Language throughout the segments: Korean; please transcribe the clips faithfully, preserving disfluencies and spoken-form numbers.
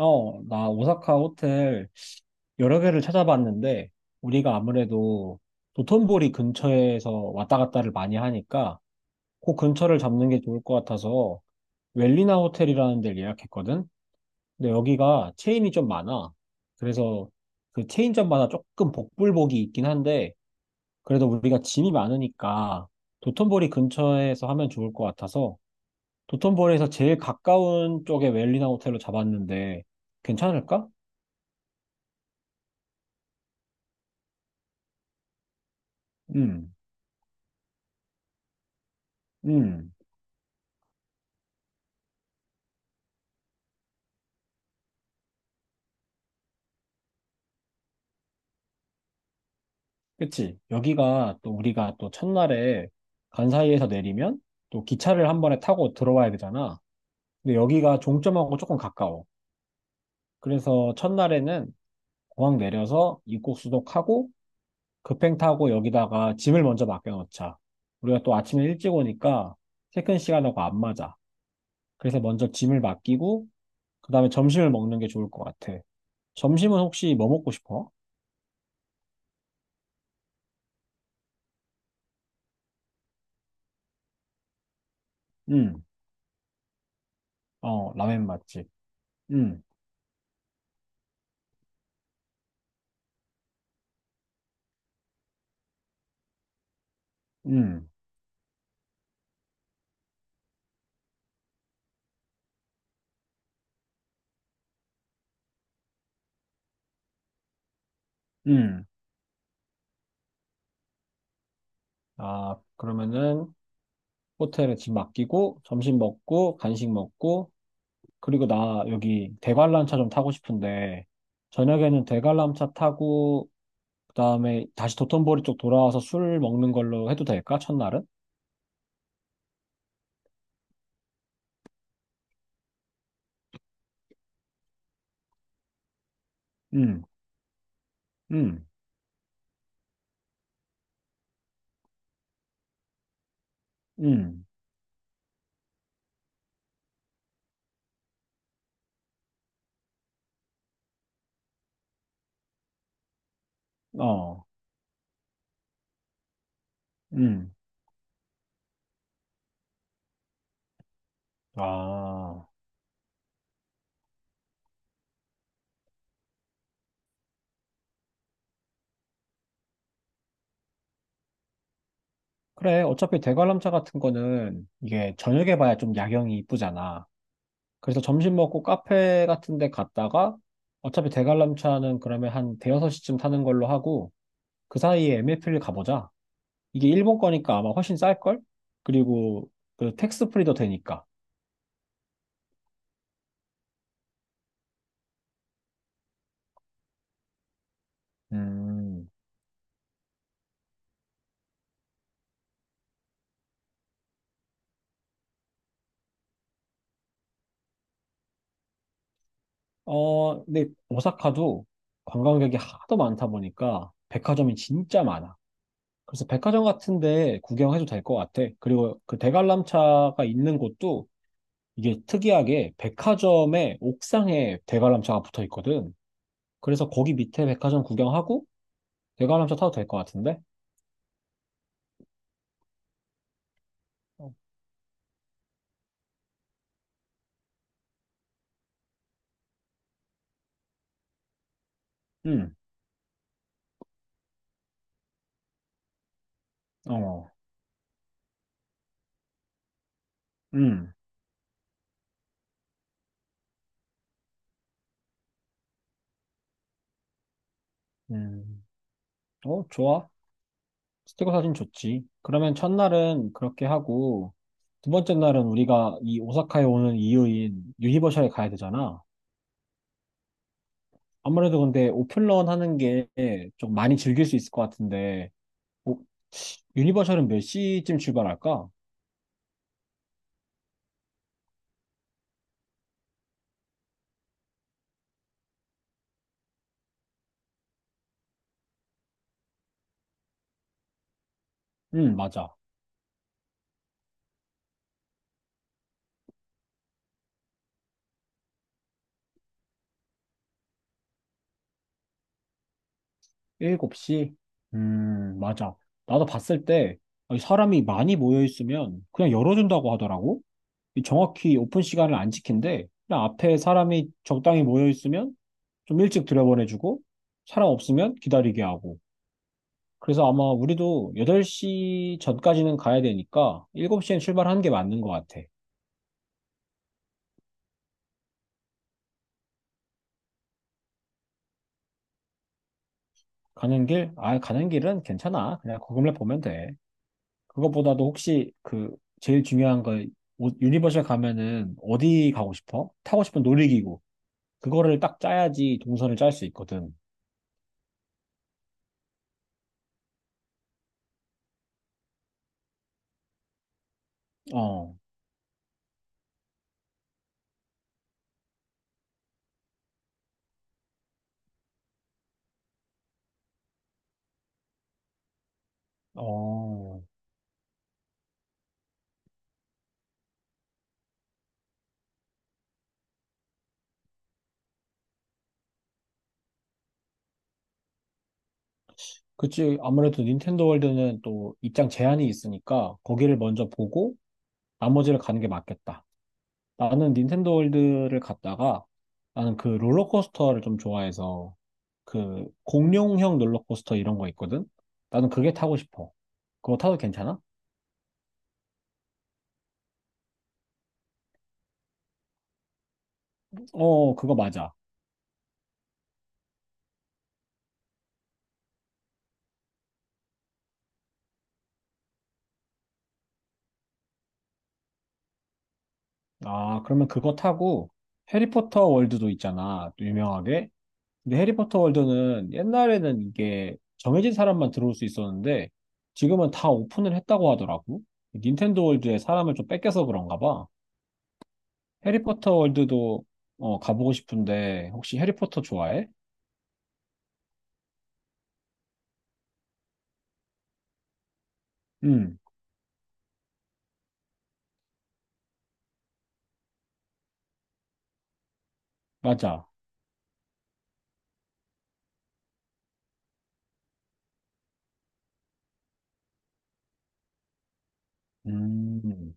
어, 나 오사카 호텔 여러 개를 찾아봤는데, 우리가 아무래도 도톤보리 근처에서 왔다 갔다를 많이 하니까, 그 근처를 잡는 게 좋을 것 같아서, 웰리나 호텔이라는 데를 예약했거든? 근데 여기가 체인이 좀 많아. 그래서 그 체인점마다 조금 복불복이 있긴 한데, 그래도 우리가 짐이 많으니까, 도톤보리 근처에서 하면 좋을 것 같아서, 도톤보리에서 제일 가까운 쪽에 웰리나 호텔로 잡았는데, 괜찮을까? 음. 음, 그치. 여기가 또 우리가 또 첫날에 간사이에서 내리면 또 기차를 한 번에 타고 들어와야 되잖아. 근데 여기가 종점하고 조금 가까워. 그래서 첫날에는 공항 내려서 입국 수속하고 급행 타고 여기다가 짐을 먼저 맡겨놓자. 우리가 또 아침에 일찍 오니까 체크인 시간하고 안 맞아. 그래서 먼저 짐을 맡기고 그다음에 점심을 먹는 게 좋을 것 같아. 점심은 혹시 뭐 먹고 싶어? 음, 어, 라멘 맛집. 음, 음, 음. 아, 그러면은 호텔에 집 맡기고 점심 먹고 간식 먹고 그리고 나 여기 대관람차 좀 타고 싶은데 저녁에는 대관람차 타고 그다음에 다시 도톤보리 쪽 돌아와서 술 먹는 걸로 해도 될까? 첫날은? 음. 음. 음. 어. 음. 아. 그래. 어차피 대관람차 같은 거는 이게 저녁에 봐야 좀 야경이 이쁘잖아. 그래서 점심 먹고 카페 같은 데 갔다가 어차피 대관람차는 그러면 한 대여섯 시쯤 타는 걸로 하고 그 사이에 엠에프를 가보자. 이게 일본 거니까 아마 훨씬 쌀걸? 그리고 그 텍스 프리도 되니까. 음, 어, 근데 오사카도 관광객이 하도 많다 보니까 백화점이 진짜 많아. 그래서 백화점 같은데 구경해도 될 것 같아. 그리고 그 대관람차가 있는 곳도 이게 특이하게 백화점의 옥상에 대관람차가 붙어 있거든. 그래서 거기 밑에 백화점 구경하고 대관람차 타도 될 것 같은데? 어, 음, 어, 음, 음, 어, 좋아. 스티커 사진 좋지. 그러면 첫날은 그렇게 하고, 두 번째 날은 우리가 이 오사카에 오는 이유인 유니버셜에 가야 되잖아. 아무래도 근데 오픈런 하는 게 좀 많이 즐길 수 있을 것 같은데, 오- 유니버셜은 몇 시쯤 출발할까? 응 맞아. 일곱 시? 음, 맞아. 나도 봤을 때 사람이 많이 모여 있으면 그냥 열어준다고 하더라고. 이 정확히 오픈 시간을 안 지킨대. 그냥 앞에 사람이 적당히 모여 있으면 좀 일찍 들여보내주고 사람 없으면 기다리게 하고. 그래서 아마 우리도 여덟 시 전까지는 가야 되니까 일곱 시엔 출발하는 게 맞는 것 같아. 가는 길? 아, 가는 길은 괜찮아. 그냥 거금을 보면 돼. 그것보다도 혹시 그 제일 중요한 거 오- 유니버셜 가면은 어디 가고 싶어? 타고 싶은 놀이기구. 그거를 딱 짜야지 동선을 짤 수 있거든. 어, 어. 그치. 아무래도 닌텐도 월드는 또 입장 제한이 있으니까 거기를 먼저 보고 나머지를 가는 게 맞겠다. 나는 닌텐도 월드를 갔다가 나는 그 롤러코스터를 좀 좋아해서 그 공룡형 롤러코스터 이런 거 있거든? 나는 그게 타고 싶어. 그거 타도 괜찮아? 어, 그거 맞아. 아, 그러면 그거 타고 해리포터 월드도 있잖아, 또 유명하게. 근데 해리포터 월드는 옛날에는 이게 정해진 사람만 들어올 수 있었는데 지금은 다 오픈을 했다고 하더라고. 닌텐도 월드에 사람을 좀 뺏겨서 그런가 봐. 해리포터 월드도 어, 가보고 싶은데 혹시 해리포터 좋아해? 응, 맞아. 음.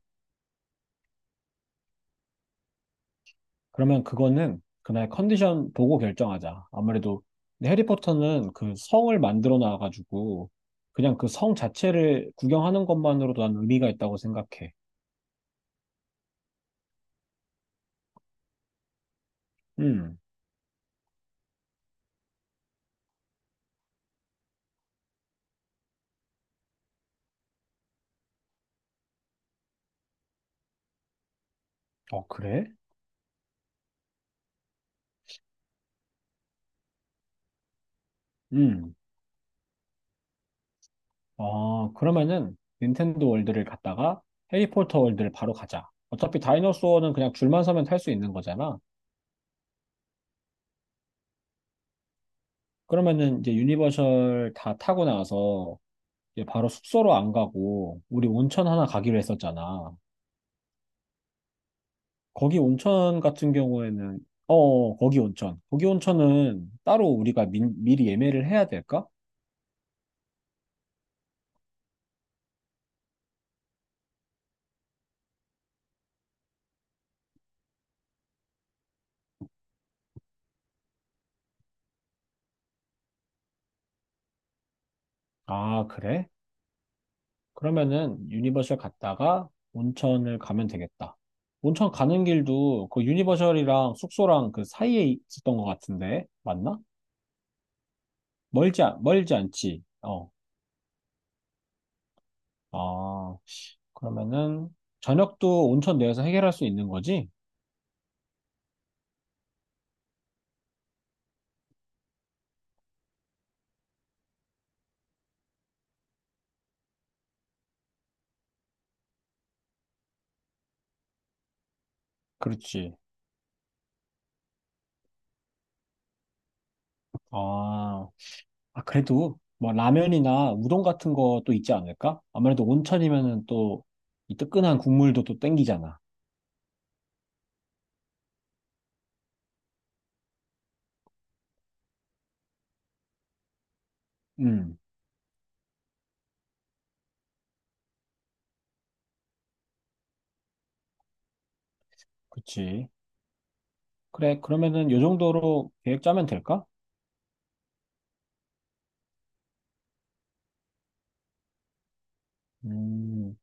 그러면 그거는 그날 컨디션 보고 결정하자. 아무래도 근데 해리포터는 그 성을 만들어 놔가지고 그냥 그 성 자체를 구경하는 것만으로도 난 의미가 있다고 생각해. 음, 어, 그래? 음. 어, 그러면은 닌텐도 월드를 갔다가 해리포터 월드를 바로 가자. 어차피 다이너소어는 그냥 줄만 서면 탈 수 있는 거잖아. 그러면은 이제 유니버셜 다 타고 나서 이제 바로 숙소로 안 가고 우리 온천 하나 가기로 했었잖아. 거기 온천 같은 경우에는, 어, 거기 온천. 거기 온천은 따로 우리가 미, 미리 예매를 해야 될까? 아, 그래? 그러면은 유니버셜 갔다가 온천을 가면 되겠다. 온천 가는 길도 그 유니버셜이랑 숙소랑 그 사이에 있었던 것 같은데, 맞나? 멀지, 않- 멀지 않지. 어, 아, 그러면은 저녁도 온천 내에서 해결할 수 있는 거지? 그렇지. 아, 아, 그래도 뭐 라면이나 우동 같은 것도 있지 않을까? 아무래도 온천이면은 또 이 뜨끈한 국물도 또 땡기잖아. 음, 그치. 그래, 그러면은 요 정도로 계획 짜면 될까? 음,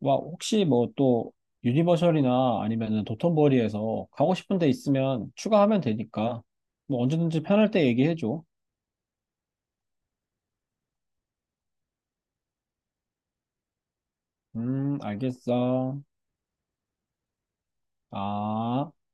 와, 혹시 뭐 또 유니버셜이나 아니면은 도톤보리에서 가고 싶은 데 있으면 추가하면 되니까 뭐 언제든지 편할 때 얘기해줘. 음, 알겠어. 아.